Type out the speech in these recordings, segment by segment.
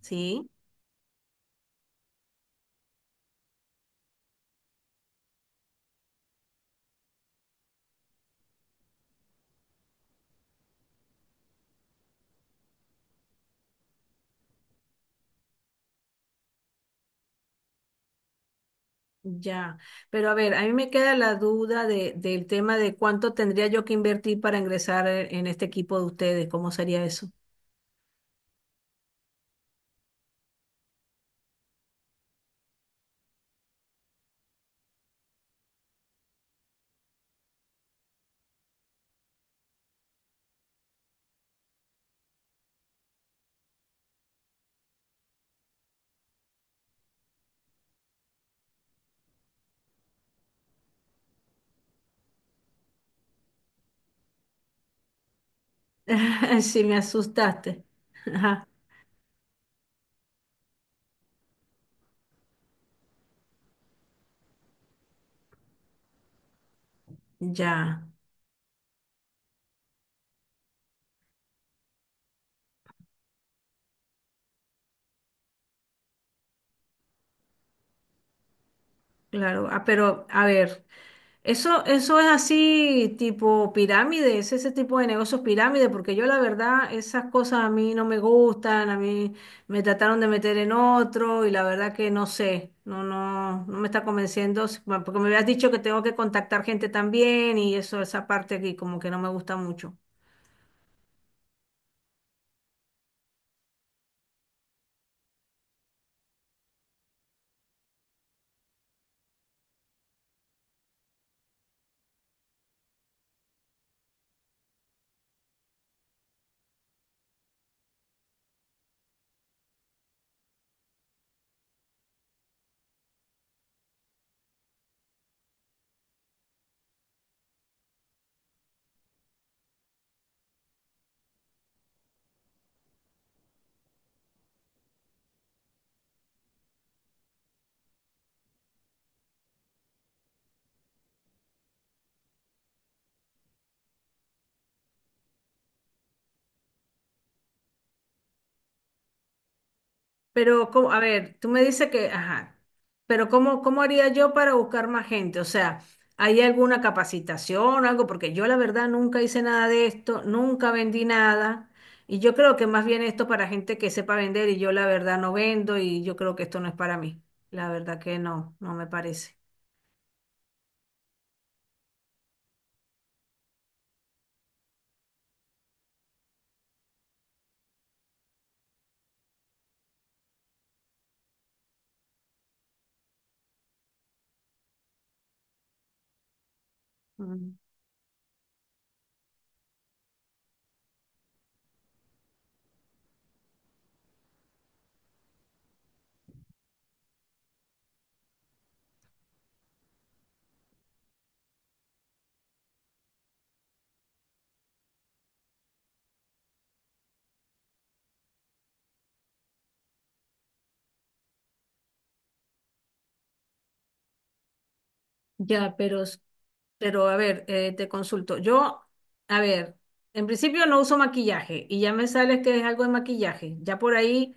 Sí, ya. Pero a ver, a mí me queda la duda del tema de cuánto tendría yo que invertir para ingresar en este equipo de ustedes. ¿Cómo sería eso? Sí, me asustaste. Ajá, ya. Claro, ah, pero a ver, eso es así tipo pirámide, es ese tipo de negocios pirámide, porque yo la verdad esas cosas a mí no me gustan, a mí me trataron de meter en otro y la verdad que no sé, no, no, no me está convenciendo, bueno, porque me habías dicho que tengo que contactar gente también y eso, esa parte aquí como que no me gusta mucho. Pero, ¿cómo? A ver, tú me dices que, ajá, pero ¿cómo, cómo haría yo para buscar más gente? O sea, ¿hay alguna capacitación, algo? Porque yo la verdad nunca hice nada de esto, nunca vendí nada. Y yo creo que más bien esto para gente que sepa vender y yo la verdad no vendo y yo creo que esto no es para mí. La verdad que no, no me parece. Mm. Ya, pero, s- pero a ver, te consulto. A ver, en principio no uso maquillaje y ya me sales que es algo de maquillaje. Ya por ahí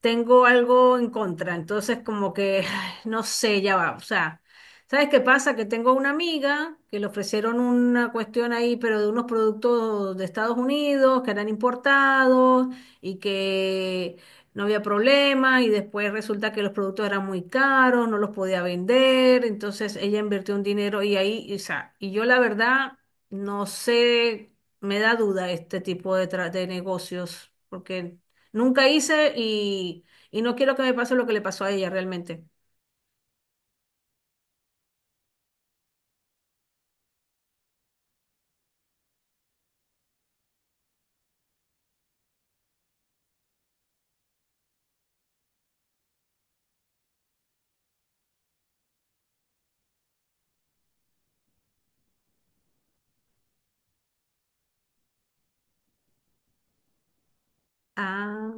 tengo algo en contra, entonces como que, ay, no sé, ya va, o sea, ¿sabes qué pasa? Que tengo una amiga que le ofrecieron una cuestión ahí, pero de unos productos de Estados Unidos que eran importados y que no había problema, y después resulta que los productos eran muy caros, no los podía vender, entonces ella invirtió un dinero y ahí, o sea, y yo la verdad no sé, me da duda este tipo de, de negocios, porque nunca hice. Y no quiero que me pase lo que le pasó a ella realmente. Ah,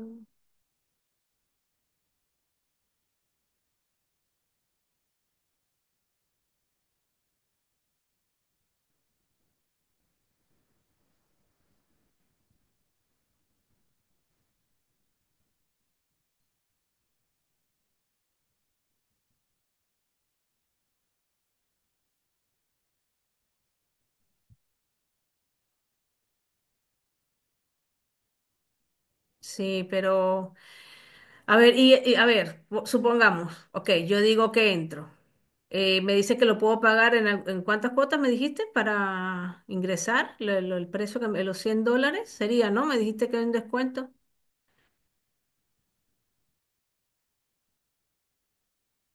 sí, pero a ver, a ver, supongamos, ok, yo digo que entro. Me dice que lo puedo pagar en, en cuántas cuotas me dijiste para ingresar. El precio que los 100 dólares sería, ¿no? Me dijiste que hay un descuento.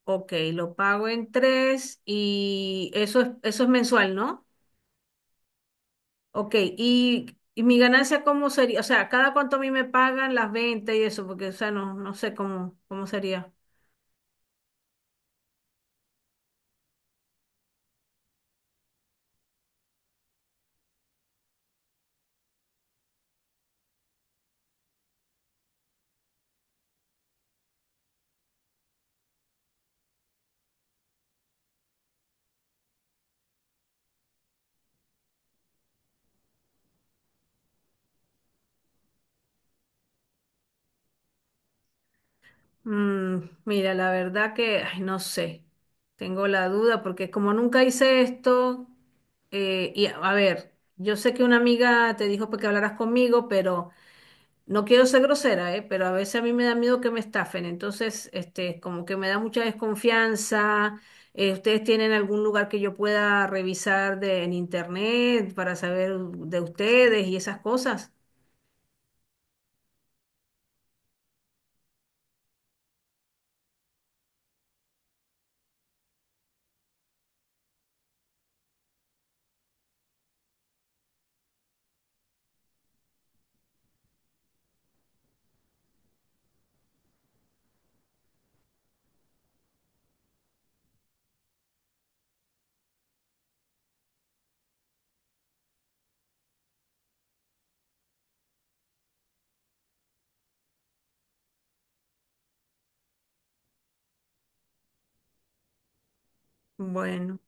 Ok, lo pago en tres y eso es mensual, ¿no? Ok, y mi ganancia, ¿cómo sería? O sea, ¿cada cuánto a mí me pagan las ventas y eso? Porque, o sea, no, no sé cómo, cómo sería. Mm, mira, la verdad que, ay, no sé. Tengo la duda porque como nunca hice esto, y a ver, yo sé que una amiga te dijo pues, que hablaras conmigo, pero no quiero ser grosera, ¿eh? Pero a veces a mí me da miedo que me estafen, entonces, este, como que me da mucha desconfianza. ¿Ustedes tienen algún lugar que yo pueda revisar en internet para saber de ustedes y esas cosas? Bueno,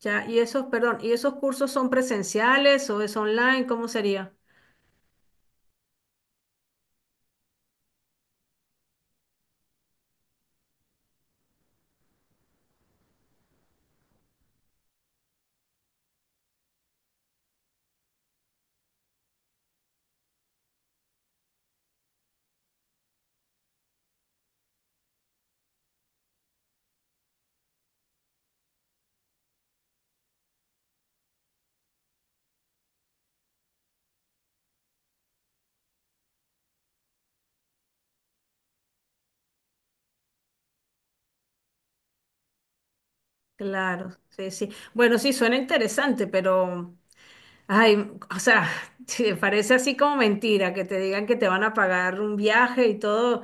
ya, y esos, perdón, ¿y esos cursos son presenciales o es online? ¿Cómo sería? Claro, sí, sí. Bueno, sí, suena interesante, pero ay, o sea, sí, parece así como mentira que te digan que te van a pagar un viaje y todo.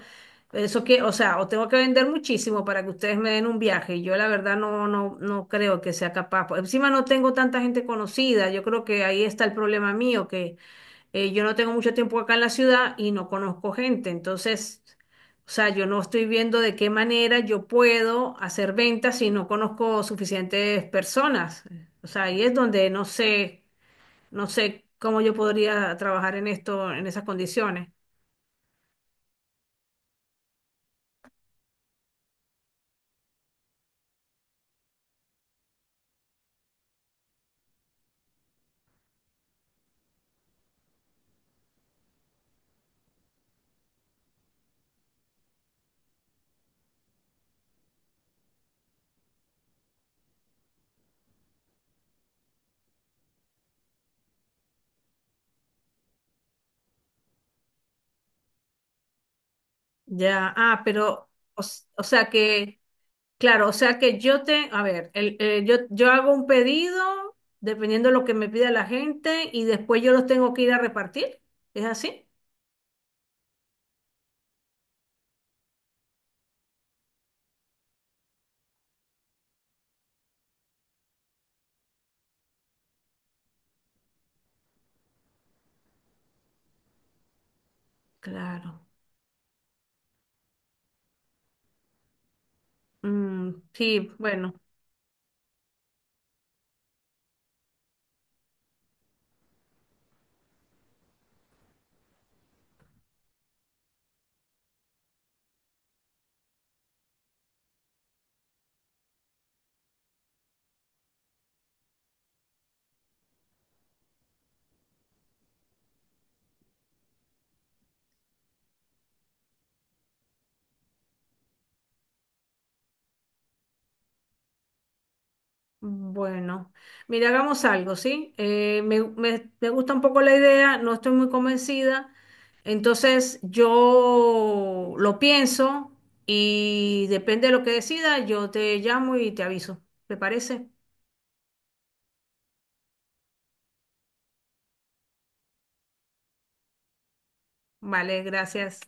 Eso que, o sea, o tengo que vender muchísimo para que ustedes me den un viaje. Y yo la verdad no, no, no creo que sea capaz. Por encima no tengo tanta gente conocida. Yo creo que ahí está el problema mío, que yo no tengo mucho tiempo acá en la ciudad y no conozco gente. Entonces, o sea, yo no estoy viendo de qué manera yo puedo hacer ventas si no conozco suficientes personas. O sea, ahí es donde no sé. No sé cómo yo podría trabajar en esto, en esas condiciones. Ya, ah, pero, o sea que, claro, o sea que yo te, a ver, el, yo, yo hago un pedido dependiendo de lo que me pida la gente y después yo los tengo que ir a repartir. ¿Es así? Claro. Mm, sí, bueno. Bueno, mira, hagamos algo, ¿sí? Me gusta un poco la idea, no estoy muy convencida, entonces yo lo pienso y depende de lo que decida, yo te llamo y te aviso. ¿Te parece? Vale, gracias.